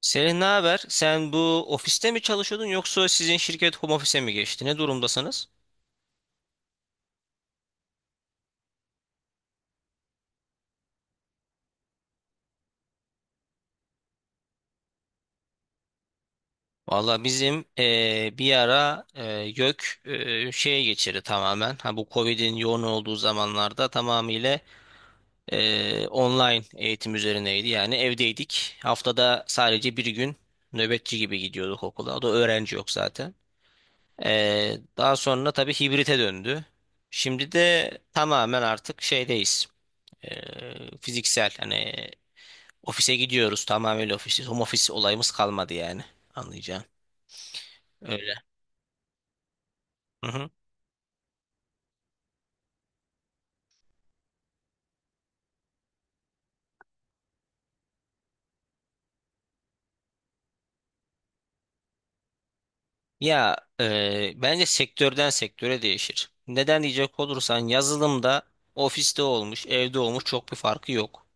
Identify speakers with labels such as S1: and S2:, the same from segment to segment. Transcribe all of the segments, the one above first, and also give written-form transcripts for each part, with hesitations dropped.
S1: Selin, ne haber? Sen bu ofiste mi çalışıyordun yoksa sizin şirket home office'e mi geçti? Ne durumdasınız? Valla bizim bir ara YÖK şeye geçirdi tamamen. Ha, bu Covid'in yoğun olduğu zamanlarda tamamıyla online eğitim üzerineydi. Yani evdeydik. Haftada sadece bir gün nöbetçi gibi gidiyorduk okula. O da öğrenci yok zaten. Daha sonra tabii hibrite döndü. Şimdi de tamamen artık şeydeyiz. Fiziksel hani ofise gidiyoruz, tamamen ofisiz. Home office olayımız kalmadı yani. Anlayacağım. Öyle. Hı hı. Ya bence sektörden sektöre değişir. Neden diyecek olursan yazılımda ofiste olmuş, evde olmuş çok bir farkı yok.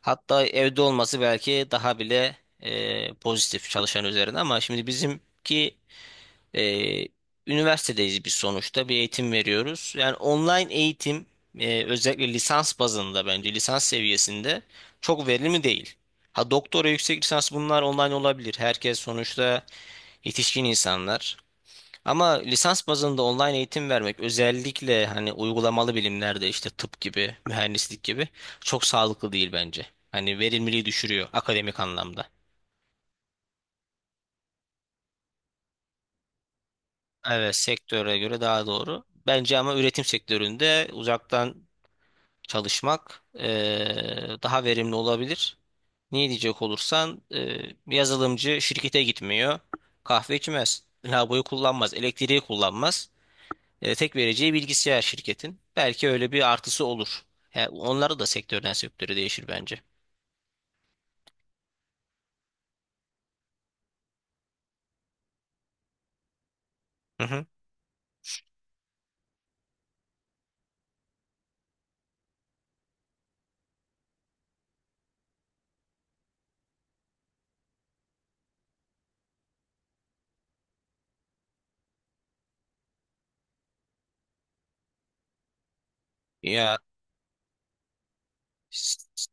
S1: Hatta evde olması belki daha bile pozitif çalışan üzerine, ama şimdi bizimki Ee, üniversitedeyiz biz sonuçta, bir eğitim veriyoruz. Yani online eğitim, özellikle lisans bazında, bence lisans seviyesinde çok verimli değil. Ha, doktora, yüksek lisans bunlar online olabilir. Herkes sonuçta yetişkin insanlar. Ama lisans bazında online eğitim vermek, özellikle hani uygulamalı bilimlerde, işte tıp gibi, mühendislik gibi, çok sağlıklı değil bence. Hani verimliliği düşürüyor akademik anlamda. Evet, sektöre göre daha doğru. Bence ama üretim sektöründe uzaktan çalışmak daha verimli olabilir. Niye diyecek olursan bir yazılımcı şirkete gitmiyor, kahve içmez, lavaboyu kullanmaz, elektriği kullanmaz. Tek vereceği bilgisayar şirketin. Belki öyle bir artısı olur. Yani onları da sektörden sektöre değişir bence. Hı hı. Ya s- s-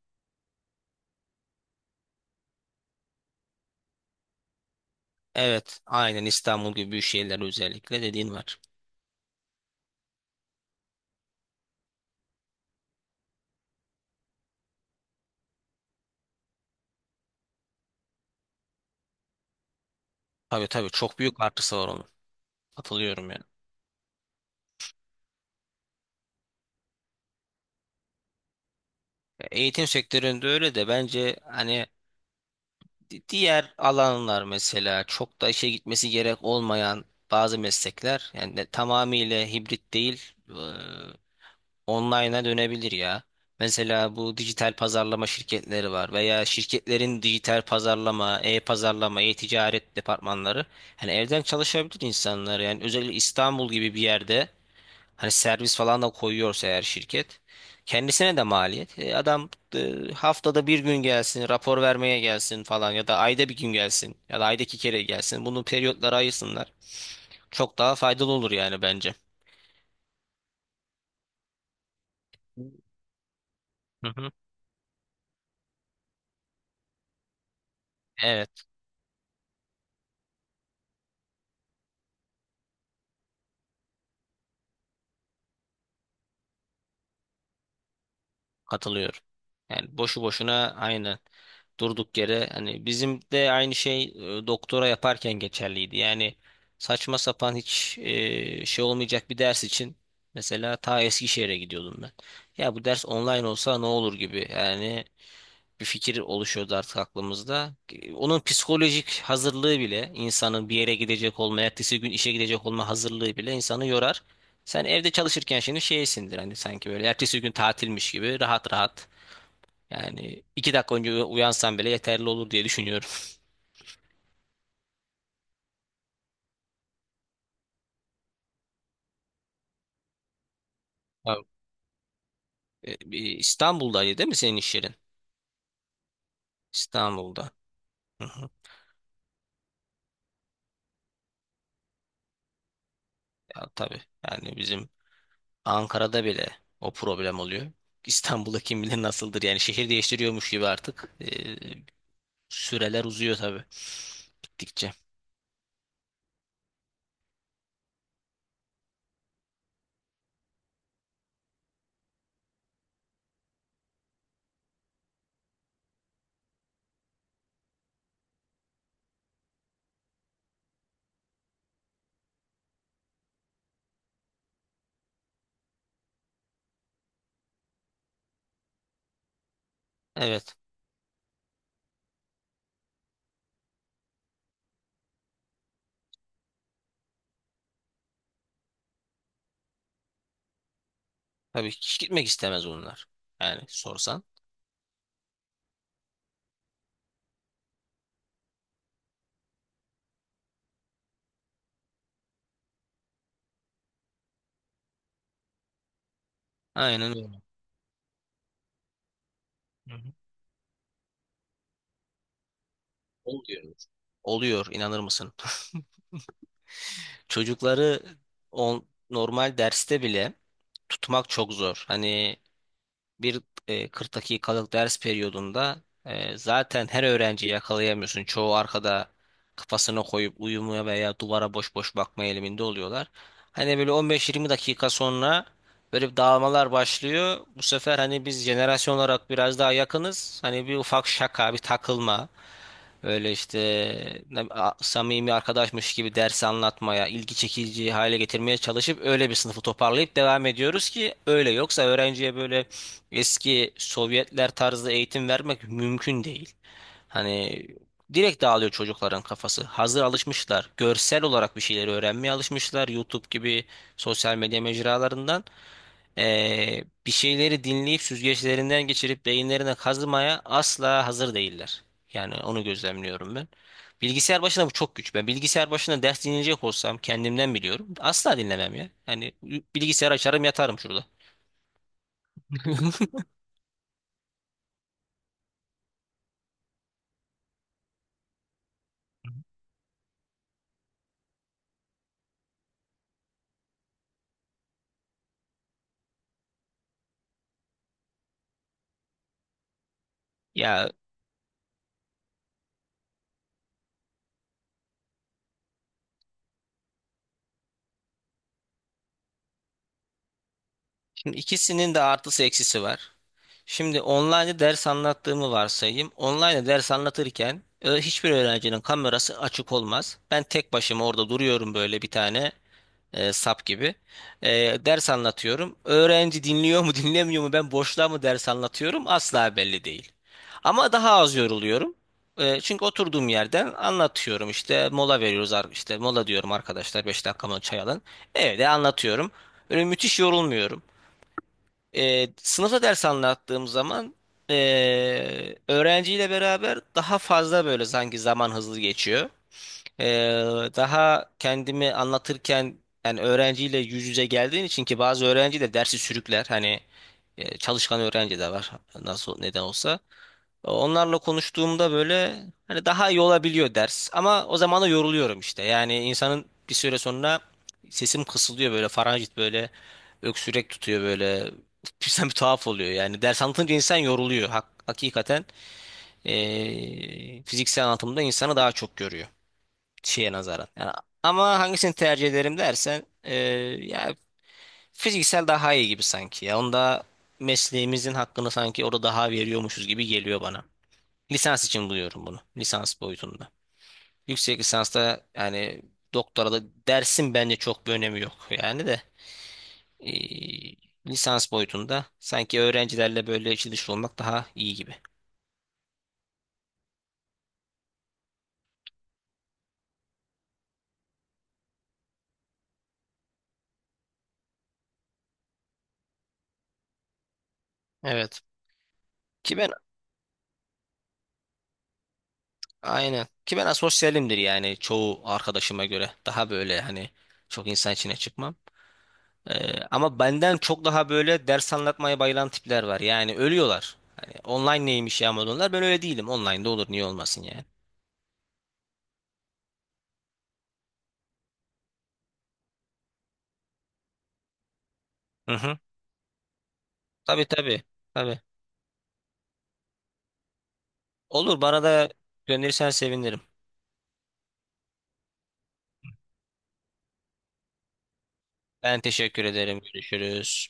S1: evet, aynen, İstanbul gibi büyük şehirler özellikle dediğin var. Tabii tabii, çok büyük artısı var onun. Katılıyorum yani. Ya, eğitim sektöründe öyle, de bence hani diğer alanlar, mesela çok da işe gitmesi gerek olmayan bazı meslekler yani, tamamıyla hibrit değil, e, online'a dönebilir ya. Mesela bu dijital pazarlama şirketleri var, veya şirketlerin dijital pazarlama, e-pazarlama, e-ticaret departmanları. Hani evden çalışabilir insanlar yani, özellikle İstanbul gibi bir yerde. Hani servis falan da koyuyorsa eğer şirket, kendisine de maliyet. Adam haftada bir gün gelsin, rapor vermeye gelsin falan, ya da ayda bir gün gelsin, ya da ayda iki kere gelsin. Bunu periyotlara ayırsınlar. Çok daha faydalı olur yani bence. Hı hı. Evet, katılıyorum. Yani boşu boşuna aynı, durduk yere. Hani bizim de aynı şey doktora yaparken geçerliydi. Yani saçma sapan, hiç şey olmayacak bir ders için mesela ta Eskişehir'e gidiyordum ben. Ya, bu ders online olsa ne olur gibi yani, bir fikir oluşuyordu artık aklımızda. Onun psikolojik hazırlığı bile, insanın bir yere gidecek olma, ertesi gün işe gidecek olma hazırlığı bile insanı yorar. Sen evde çalışırken şimdi şeysindir hani, sanki böyle ertesi gün tatilmiş gibi rahat rahat, yani iki dakika önce uyansam bile yeterli olur diye düşünüyorum. Tabii. Bir İstanbul'daydı değil mi senin iş yerin? İstanbul'da. Hı hı. Ya, tabii. Yani bizim Ankara'da bile o problem oluyor. İstanbul'da kim bilir nasıldır. Yani şehir değiştiriyormuş gibi artık. Süreler uzuyor tabii. Gittikçe. Evet. Tabii hiç gitmek istemez onlar, yani sorsan. Aynen öyle. Hı hı. Oluyor. Oluyor. İnanır mısın? Çocukları normal derste bile tutmak çok zor. Hani bir 40 dakikalık ders periyodunda zaten her öğrenciyi yakalayamıyorsun. Çoğu arkada kafasına koyup uyumaya veya duvara boş boş bakma eğiliminde oluyorlar. Hani böyle 15-20 dakika sonra böyle bir dağılmalar başlıyor. Bu sefer hani biz jenerasyon olarak biraz daha yakınız. Hani bir ufak şaka, bir takılma. Öyle işte, samimi arkadaşmış gibi dersi anlatmaya, ilgi çekici hale getirmeye çalışıp öyle bir sınıfı toparlayıp devam ediyoruz, ki öyle yoksa öğrenciye böyle eski Sovyetler tarzı eğitim vermek mümkün değil. Hani direkt dağılıyor çocukların kafası. Hazır alışmışlar. Görsel olarak bir şeyleri öğrenmeye alışmışlar. YouTube gibi sosyal medya mecralarından bir şeyleri dinleyip süzgeçlerinden geçirip beyinlerine kazımaya asla hazır değiller. Yani onu gözlemliyorum ben. Bilgisayar başında bu çok güç. Ben bilgisayar başında ders dinleyecek olsam kendimden biliyorum. Asla dinlemem ya. Yani bilgisayar açarım, yatarım şurada. Ya, şimdi ikisinin de artısı eksisi var. Şimdi online ders anlattığımı varsayayım. Online ders anlatırken hiçbir öğrencinin kamerası açık olmaz. Ben tek başıma orada duruyorum böyle bir tane sap gibi. E, Ders anlatıyorum. Öğrenci dinliyor mu dinlemiyor mu, ben boşluğa mı ders anlatıyorum, asla belli değil. Ama daha az yoruluyorum. Çünkü oturduğum yerden anlatıyorum, işte mola veriyoruz, işte mola diyorum arkadaşlar, 5 dakika mı çay alın. Evde anlatıyorum. Böyle müthiş yorulmuyorum. Sınıfta ders anlattığım zaman öğrenciyle beraber daha fazla, böyle sanki zaman hızlı geçiyor. E, Daha kendimi anlatırken, yani öğrenciyle yüz yüze geldiğin için, ki bazı öğrenci de dersi sürükler. Hani çalışkan öğrenci de var nasıl neden olsa. Onlarla konuştuğumda böyle hani daha iyi olabiliyor ders. Ama o zaman da yoruluyorum işte. Yani insanın bir süre sonra sesim kısılıyor böyle, faranjit böyle öksürek tutuyor böyle. Sen bir tuhaf oluyor yani. Ders anlatınca insan yoruluyor. Hakikaten fiziksel anlatımda insanı daha çok görüyor şeye nazaran. Yani, ama hangisini tercih ederim dersen ya, fiziksel daha iyi gibi sanki ya. Onda mesleğimizin hakkını sanki orada daha veriyormuşuz gibi geliyor bana. Lisans için buluyorum bunu, lisans boyutunda. Yüksek lisansta yani doktora da dersin bence çok bir önemi yok. Yani de lisans boyutunda sanki öğrencilerle böyle içi dışı olmak daha iyi gibi. Evet. Ki ben, aynen. Ki ben asosyalimdir yani, çoğu arkadaşıma göre. Daha böyle hani çok insan içine çıkmam. Ama benden çok daha böyle ders anlatmaya bayılan tipler var. Yani ölüyorlar. Hani online neymiş ya modunlar. Ben öyle değilim. Online'da olur, niye olmasın yani. Hı hı. Tabii tabii. Tabii. Olur, bana da gönderirsen sevinirim. Ben teşekkür ederim. Görüşürüz.